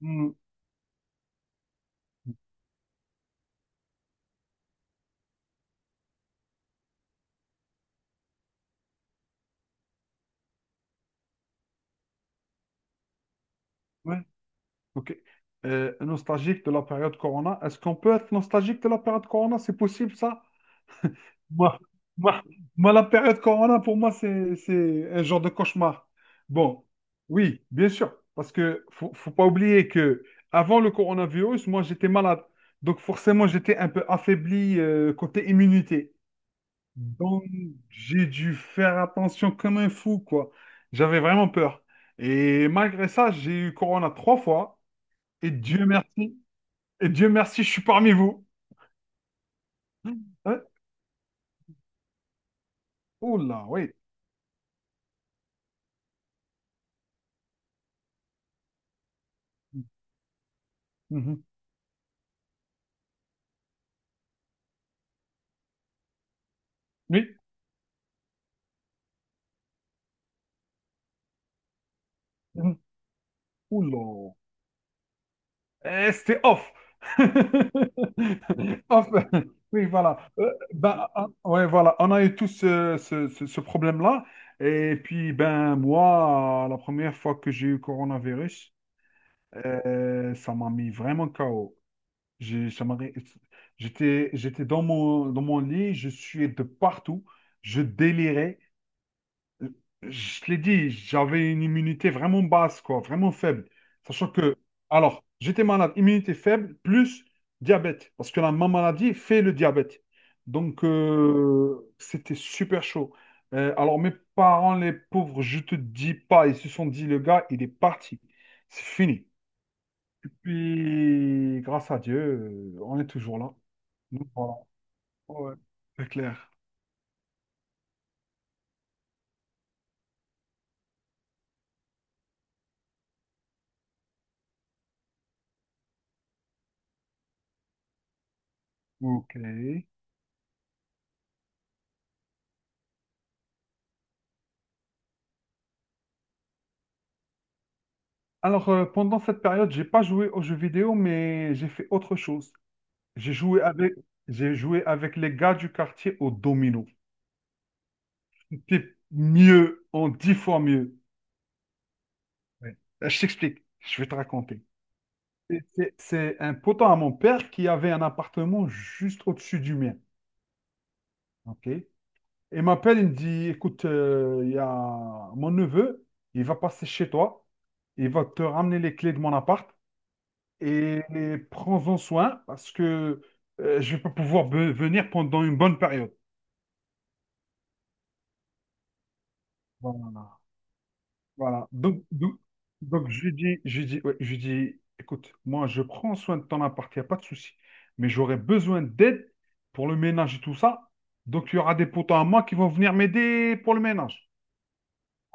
Hmm, ouais, ok. Nostalgique de la période Corona. Est-ce qu'on peut être nostalgique de la période Corona? C'est possible, ça? Moi, moi, moi, la période Corona, pour moi, c'est un genre de cauchemar. Bon, oui, bien sûr, parce que faut pas oublier que avant le coronavirus, moi, j'étais malade. Donc, forcément, j'étais un peu affaibli côté immunité. Donc, j'ai dû faire attention comme un fou, quoi. J'avais vraiment peur. Et malgré ça, j'ai eu Corona trois fois. Et Dieu merci. Et Dieu merci, je suis parmi vous. Hein. Oula, oui. Mhm. Oui. Mhm. Oula. Eh, c'était off. Off. Oui, voilà. Ben, ouais, voilà. On a eu tous ce problème-là. Et puis, ben, moi, la première fois que j'ai eu coronavirus, ça m'a mis vraiment KO. J'ai- ça m'a ré- j'étais dans mon lit, je suais de partout, je délirais. Je l'ai dit, j'avais une immunité vraiment basse, quoi, vraiment faible. Sachant que, alors, j'étais malade, immunité faible, plus diabète, parce que la ma maladie fait le diabète. Donc, c'était super chaud. Alors, mes parents, les pauvres, je te dis pas, ils se sont dit, le gars, il est parti. C'est fini. Puis, grâce à Dieu, on est toujours là. Donc, voilà. Ouais, c'est clair. Ok. Alors, pendant cette période, j'ai pas joué aux jeux vidéo, mais j'ai fait autre chose. J'ai joué avec, j'ai joué avec les gars du quartier au domino. C'était mieux, en dix fois mieux. Ouais. Je t'explique, je vais te raconter. C'est un potent à mon père qui avait un appartement juste au-dessus du mien. Ok. Il m'appelle, il me dit, écoute, il y a mon neveu, il va passer chez toi, il va te ramener les clés de mon appart. Et prends-en soin parce que je vais pas pouvoir venir pendant une bonne période. Voilà. Voilà. Donc, ouais, je lui dis, écoute, moi, je prends soin de ton appart, il n'y a pas de souci. Mais j'aurai besoin d'aide pour le ménage et tout ça. Donc, il y aura des potes à moi qui vont venir m'aider pour le ménage.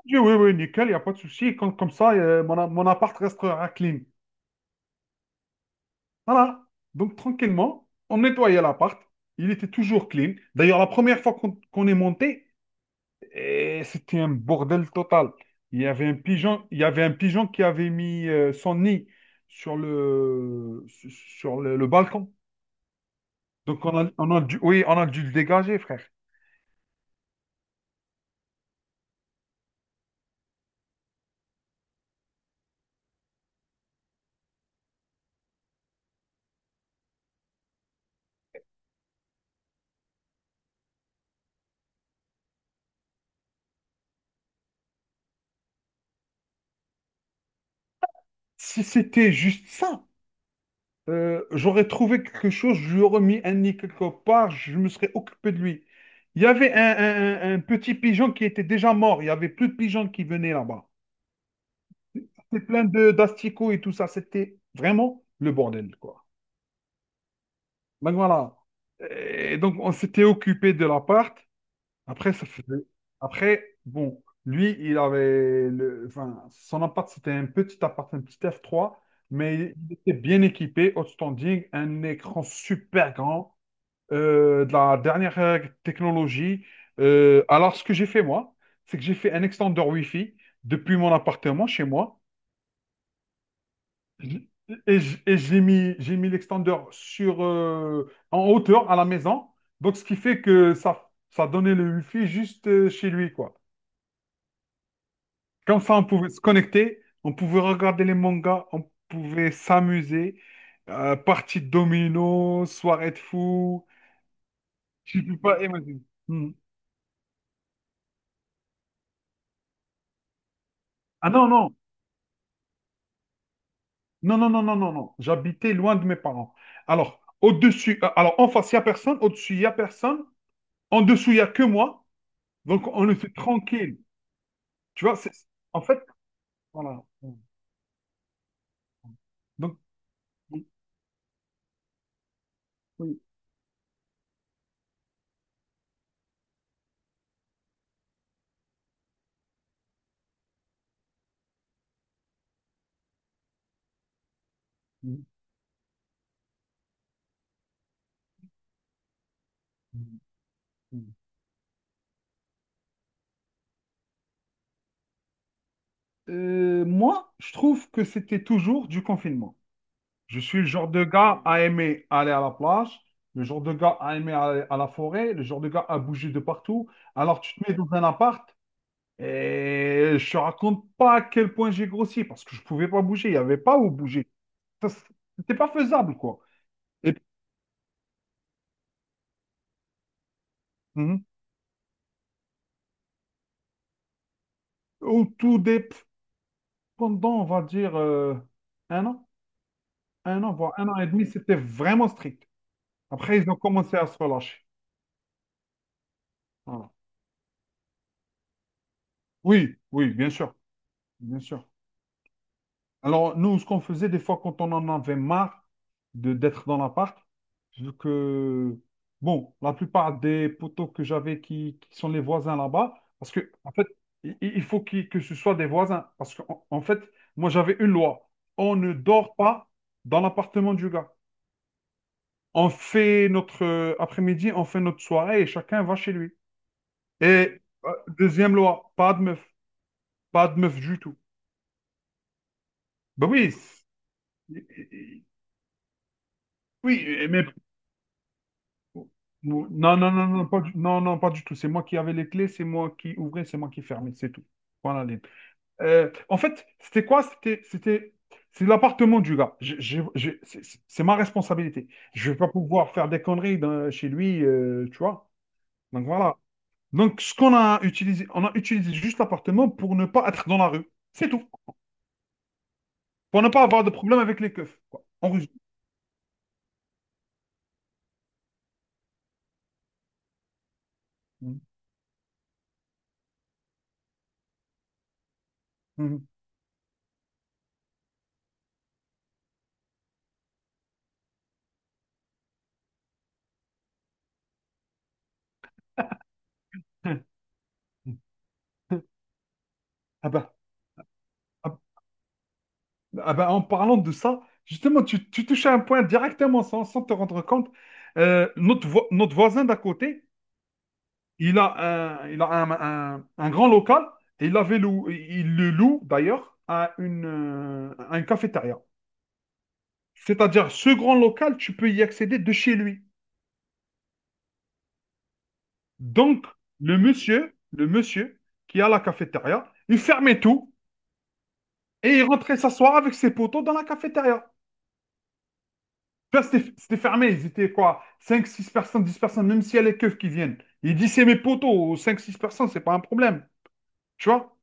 Il dit, oui, oui, nickel, il n'y a pas de souci. Comme ça, mon appart restera clean. Voilà. Donc, tranquillement, on nettoyait l'appart. Il était toujours clean. D'ailleurs, la première fois qu'on est monté, eh, c'était un bordel total. Il y avait un pigeon, il y avait un pigeon qui avait mis son nid sur le balcon. Donc, on a dû, oui, on a dû le dégager, frère. Si c'était juste ça, j'aurais trouvé quelque chose, je lui aurais mis un nid quelque part, je me serais occupé de lui. Il y avait un petit pigeon qui était déjà mort. Il n'y avait plus de pigeons qui venaient là-bas. C'était plein de d'asticots et tout ça. C'était vraiment le bordel, quoi. Donc voilà. Et donc on s'était occupé de l'appart. Après, ça faisait... Après, bon, lui, enfin, son appart, c'était un petit appart, un petit f trois, mais il était bien équipé, outstanding, un écran super grand, de la dernière technologie. Alors, ce que j'ai fait moi, c'est que j'ai fait un extender Wi-Fi depuis mon appartement chez moi. J- et j'ai mis l'extender en hauteur à la maison. Donc, ce qui fait que ça donnait le wifi juste chez lui, quoi. Comme ça, on pouvait se connecter, on pouvait regarder les mangas, on pouvait s'amuser. Partie de domino, soirée de fou. Tu peux pas imaginer. Hmm. Ah non, non, non, non, non, non, non, non. J'habitais loin de mes parents. Alors, au-dessus, alors en face, il n'y a personne. Au-dessus, il n'y a personne. En dessous, il n'y a que moi. Donc, on était tranquille. Tu vois, c'est, en fait, voilà. Donc, oui. Moi, je trouve que c'était toujours du confinement. Je suis le genre de gars à aimer aller à la plage, le genre de gars à aimer aller à la forêt, le genre de gars à bouger de partout. Alors, tu te mets dans un appart et je te raconte pas à quel point j'ai grossi parce que je pouvais pas bouger, il n'y avait pas où bouger. Ça, C'était pas faisable, quoi. Et Mhm. au tout des, Pendant, on va dire, un an. Un an, voire un an et demi, c'était vraiment strict. Après, ils ont commencé à se relâcher. Voilà. Oui, oui, bien sûr, bien sûr. Alors, nous, ce qu'on faisait des fois quand on en avait marre de d'être dans l'appart, vu que, bon, la plupart des poteaux que j'avais qui sont les voisins là-bas, parce que, en fait, i- il faut que ce soit des voisins. Parce qu'en en fait, moi, j'avais une loi. On ne dort pas dans l'appartement du gars. On fait notre après-midi, on fait notre soirée et chacun va chez lui. Et deuxième loi, pas de meuf, pas de meuf du tout. Ben oui, oui, mais non, non, non, non, pas du, non, non, pas du tout. C'est moi qui avais les clés, c'est moi qui ouvrais, c'est moi qui fermais, c'est tout. Voilà. En fait, c'était quoi? C'est l'appartement du gars. C'est ma responsabilité. Je vais pas pouvoir faire des conneries chez lui, tu vois. Donc voilà. Donc ce qu'on a utilisé, on a utilisé juste l'appartement pour ne pas être dans la rue. C'est tout. Pour ne pas avoir de problème avec les keufs, quoi. En résumé. Mhm. Mhm. Ah bah, ah- ah bah, en parlant de ça, justement, tu touches à un point directement sans te rendre compte. Notre voisin d'à côté, il a un, un grand local et il avait il le loue d'ailleurs à une cafétéria. C'est-à-dire, ce grand local, tu peux y accéder de chez lui. Donc, le monsieur qui a la cafétéria, il fermait tout. Et il rentrait s'asseoir avec ses potos dans la cafétéria. Tu vois, c'était fermé, ils étaient quoi? Cinq, 6 personnes, 10 personnes, même s'il y a les keufs qui viennent. Il dit, c'est mes potos, 5, 6 personnes, c'est pas un problème. Tu vois?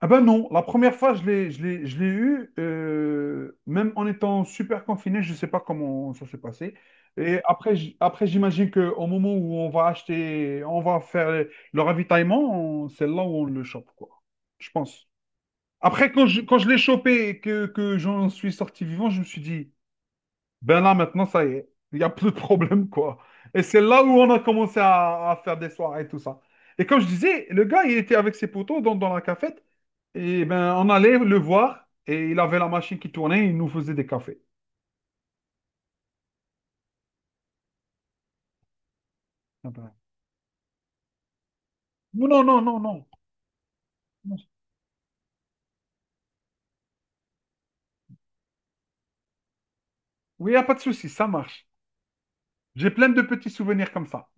Ah ben non, la première fois, je l'ai eu, même en étant super confiné, je sais pas comment ça s'est passé. Et après, j'imagine qu'au moment où on va acheter, on va faire le ravitaillement, c'est là où on le chope, quoi. Je pense. Après, quand je l'ai chopé et que j'en suis sorti vivant, je me suis dit, ben là, maintenant, ça y est, il n'y a plus de problème, quoi. Et c'est là où on a commencé à faire des soirées et tout ça. Et comme je disais, le gars, il était avec ses potos dans la cafette, et ben on allait le voir, et il avait la machine qui tournait, il nous faisait des cafés. Ah ben, non, non, non, non, non. Oui, il n'y a pas de souci, ça marche. J'ai plein de petits souvenirs comme ça.